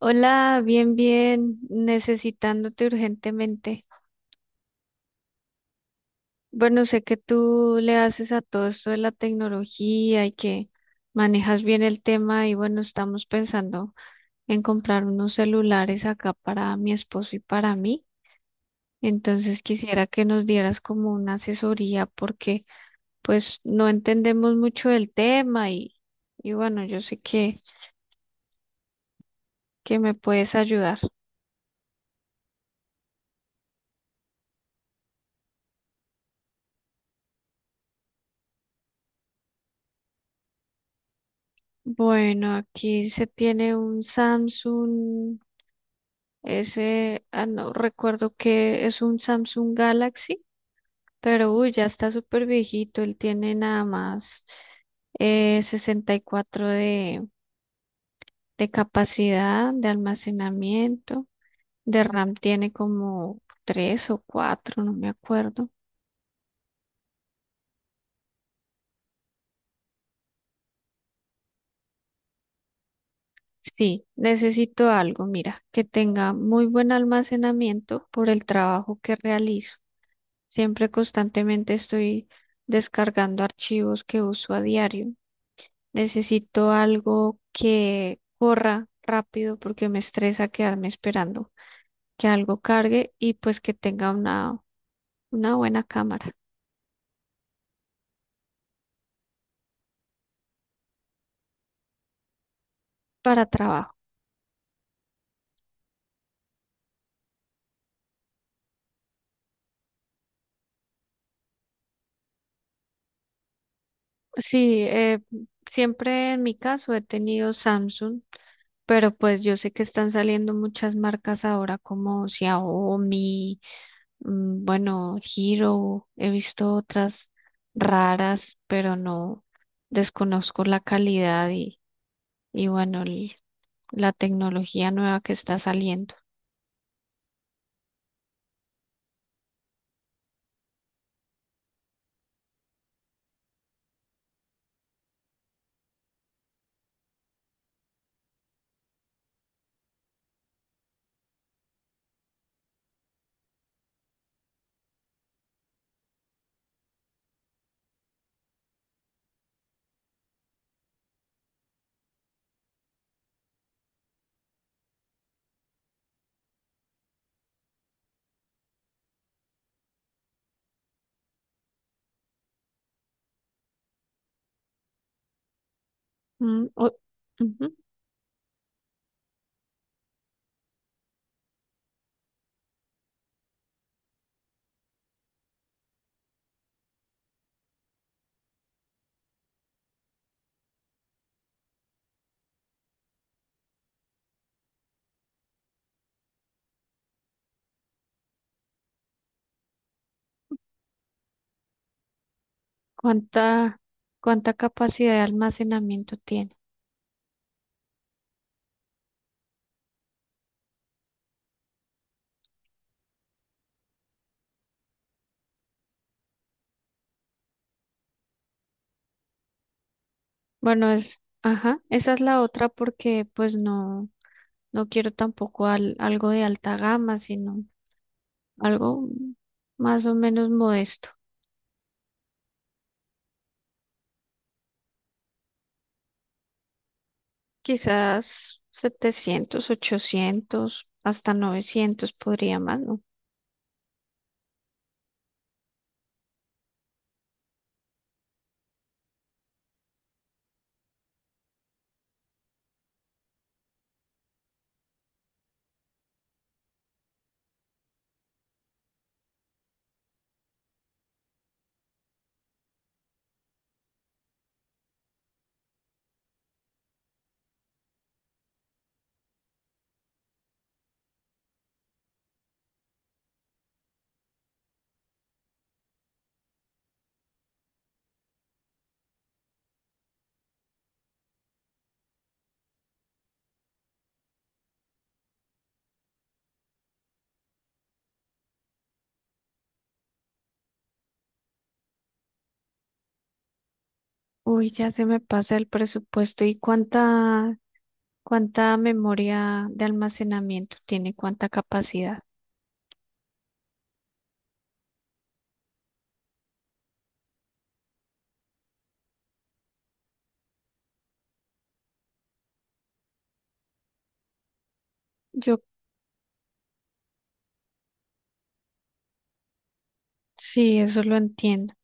Hola, bien, bien, necesitándote urgentemente. Bueno, sé que tú le haces a todo esto de la tecnología y que manejas bien el tema y bueno, estamos pensando en comprar unos celulares acá para mi esposo y para mí. Entonces quisiera que nos dieras como una asesoría porque pues no entendemos mucho del tema y bueno, yo sé que me puedes ayudar. Bueno, aquí se tiene un Samsung. Ah, no, recuerdo que es un Samsung Galaxy, pero uy, ya está súper viejito. Él tiene nada más 64 de capacidad de almacenamiento. De RAM tiene como 3 o 4, no me acuerdo. Sí, necesito algo, mira, que tenga muy buen almacenamiento por el trabajo que realizo. Siempre constantemente estoy descargando archivos que uso a diario. Necesito algo que corra rápido porque me estresa quedarme esperando que algo cargue y pues que tenga una buena cámara para trabajo. Sí, siempre en mi caso he tenido Samsung, pero pues yo sé que están saliendo muchas marcas ahora como Xiaomi, bueno, Hero, he visto otras raras, pero no desconozco la calidad y bueno, el la tecnología nueva que está saliendo. Mm, ujú. ¿Cuánta, cuánta capacidad de almacenamiento tiene? Bueno, ajá, esa es la otra porque pues no, no quiero tampoco algo de alta gama, sino algo más o menos modesto. Quizás 700, 800, hasta 900 podría más, ¿no? Uy, ya se me pasa el presupuesto. ¿Y cuánta memoria de almacenamiento tiene? ¿Cuánta capacidad? Yo sí, eso lo entiendo.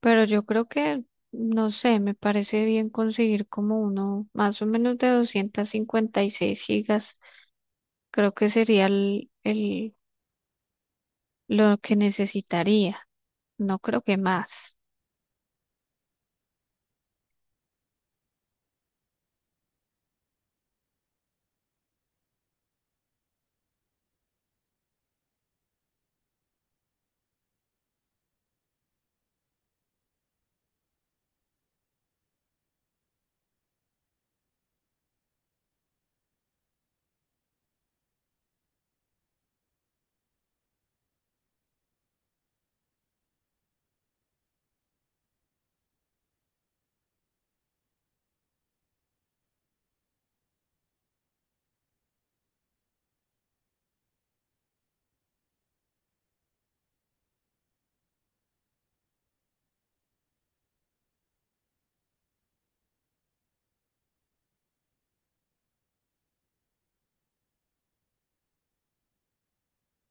Pero yo creo que, no sé, me parece bien conseguir como uno más o menos de 256 gigas. Creo que sería el lo que necesitaría. No creo que más.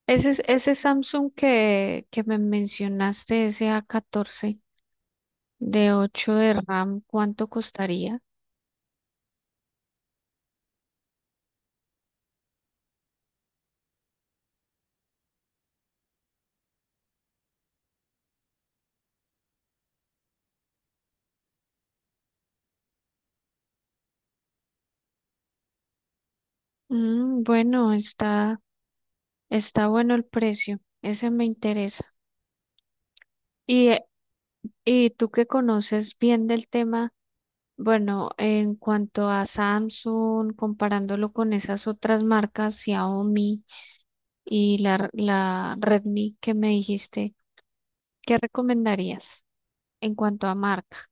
Ese Samsung que me mencionaste, ese A14. De 8 de RAM, ¿cuánto costaría? Bueno, está bueno el precio, ese me interesa. Y, eh, y tú que conoces bien del tema, bueno, en cuanto a Samsung, comparándolo con esas otras marcas, Xiaomi y la Redmi que me dijiste, ¿qué recomendarías en cuanto a marca?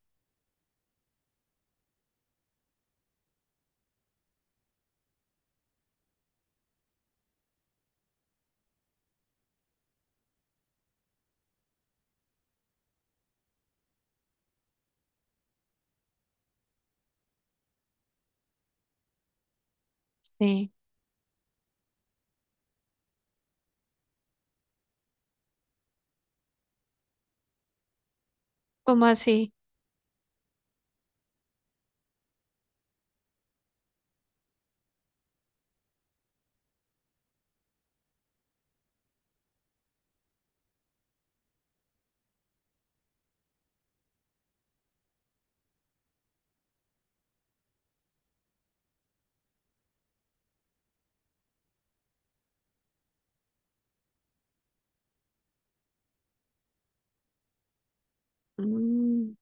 Sí, ¿cómo así? Mm,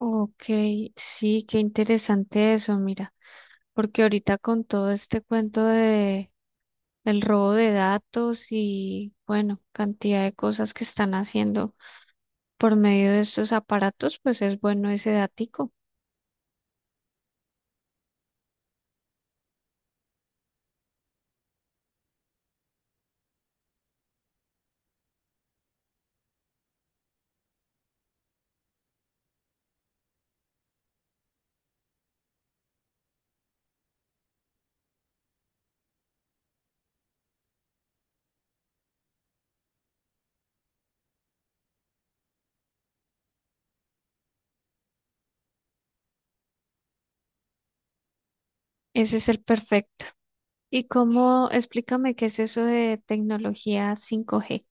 ok, sí, qué interesante eso, mira, porque ahorita con todo este cuento de el robo de datos y bueno, cantidad de cosas que están haciendo por medio de estos aparatos, pues es bueno ese datico. Ese es el perfecto. ¿Y cómo, explícame qué es eso de tecnología 5G?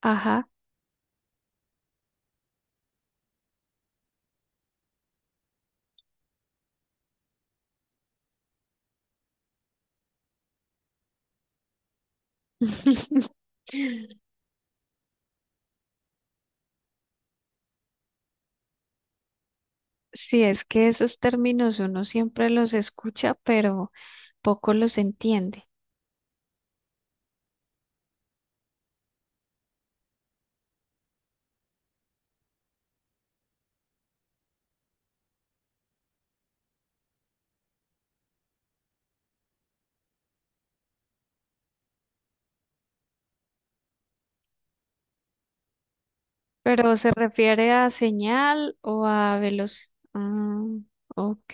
Ajá. Sí, es que esos términos uno siempre los escucha, pero poco los entiende. Pero se refiere a señal o a veloz. Ah, ok,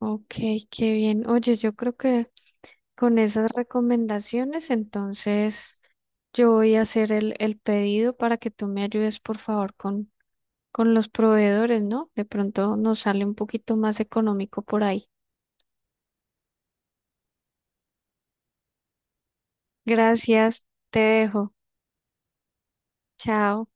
ok, qué bien. Oye, yo creo que con esas recomendaciones, entonces yo voy a hacer el pedido para que tú me ayudes, por favor, con los proveedores, ¿no? De pronto nos sale un poquito más económico por ahí. Gracias, te dejo. Chao.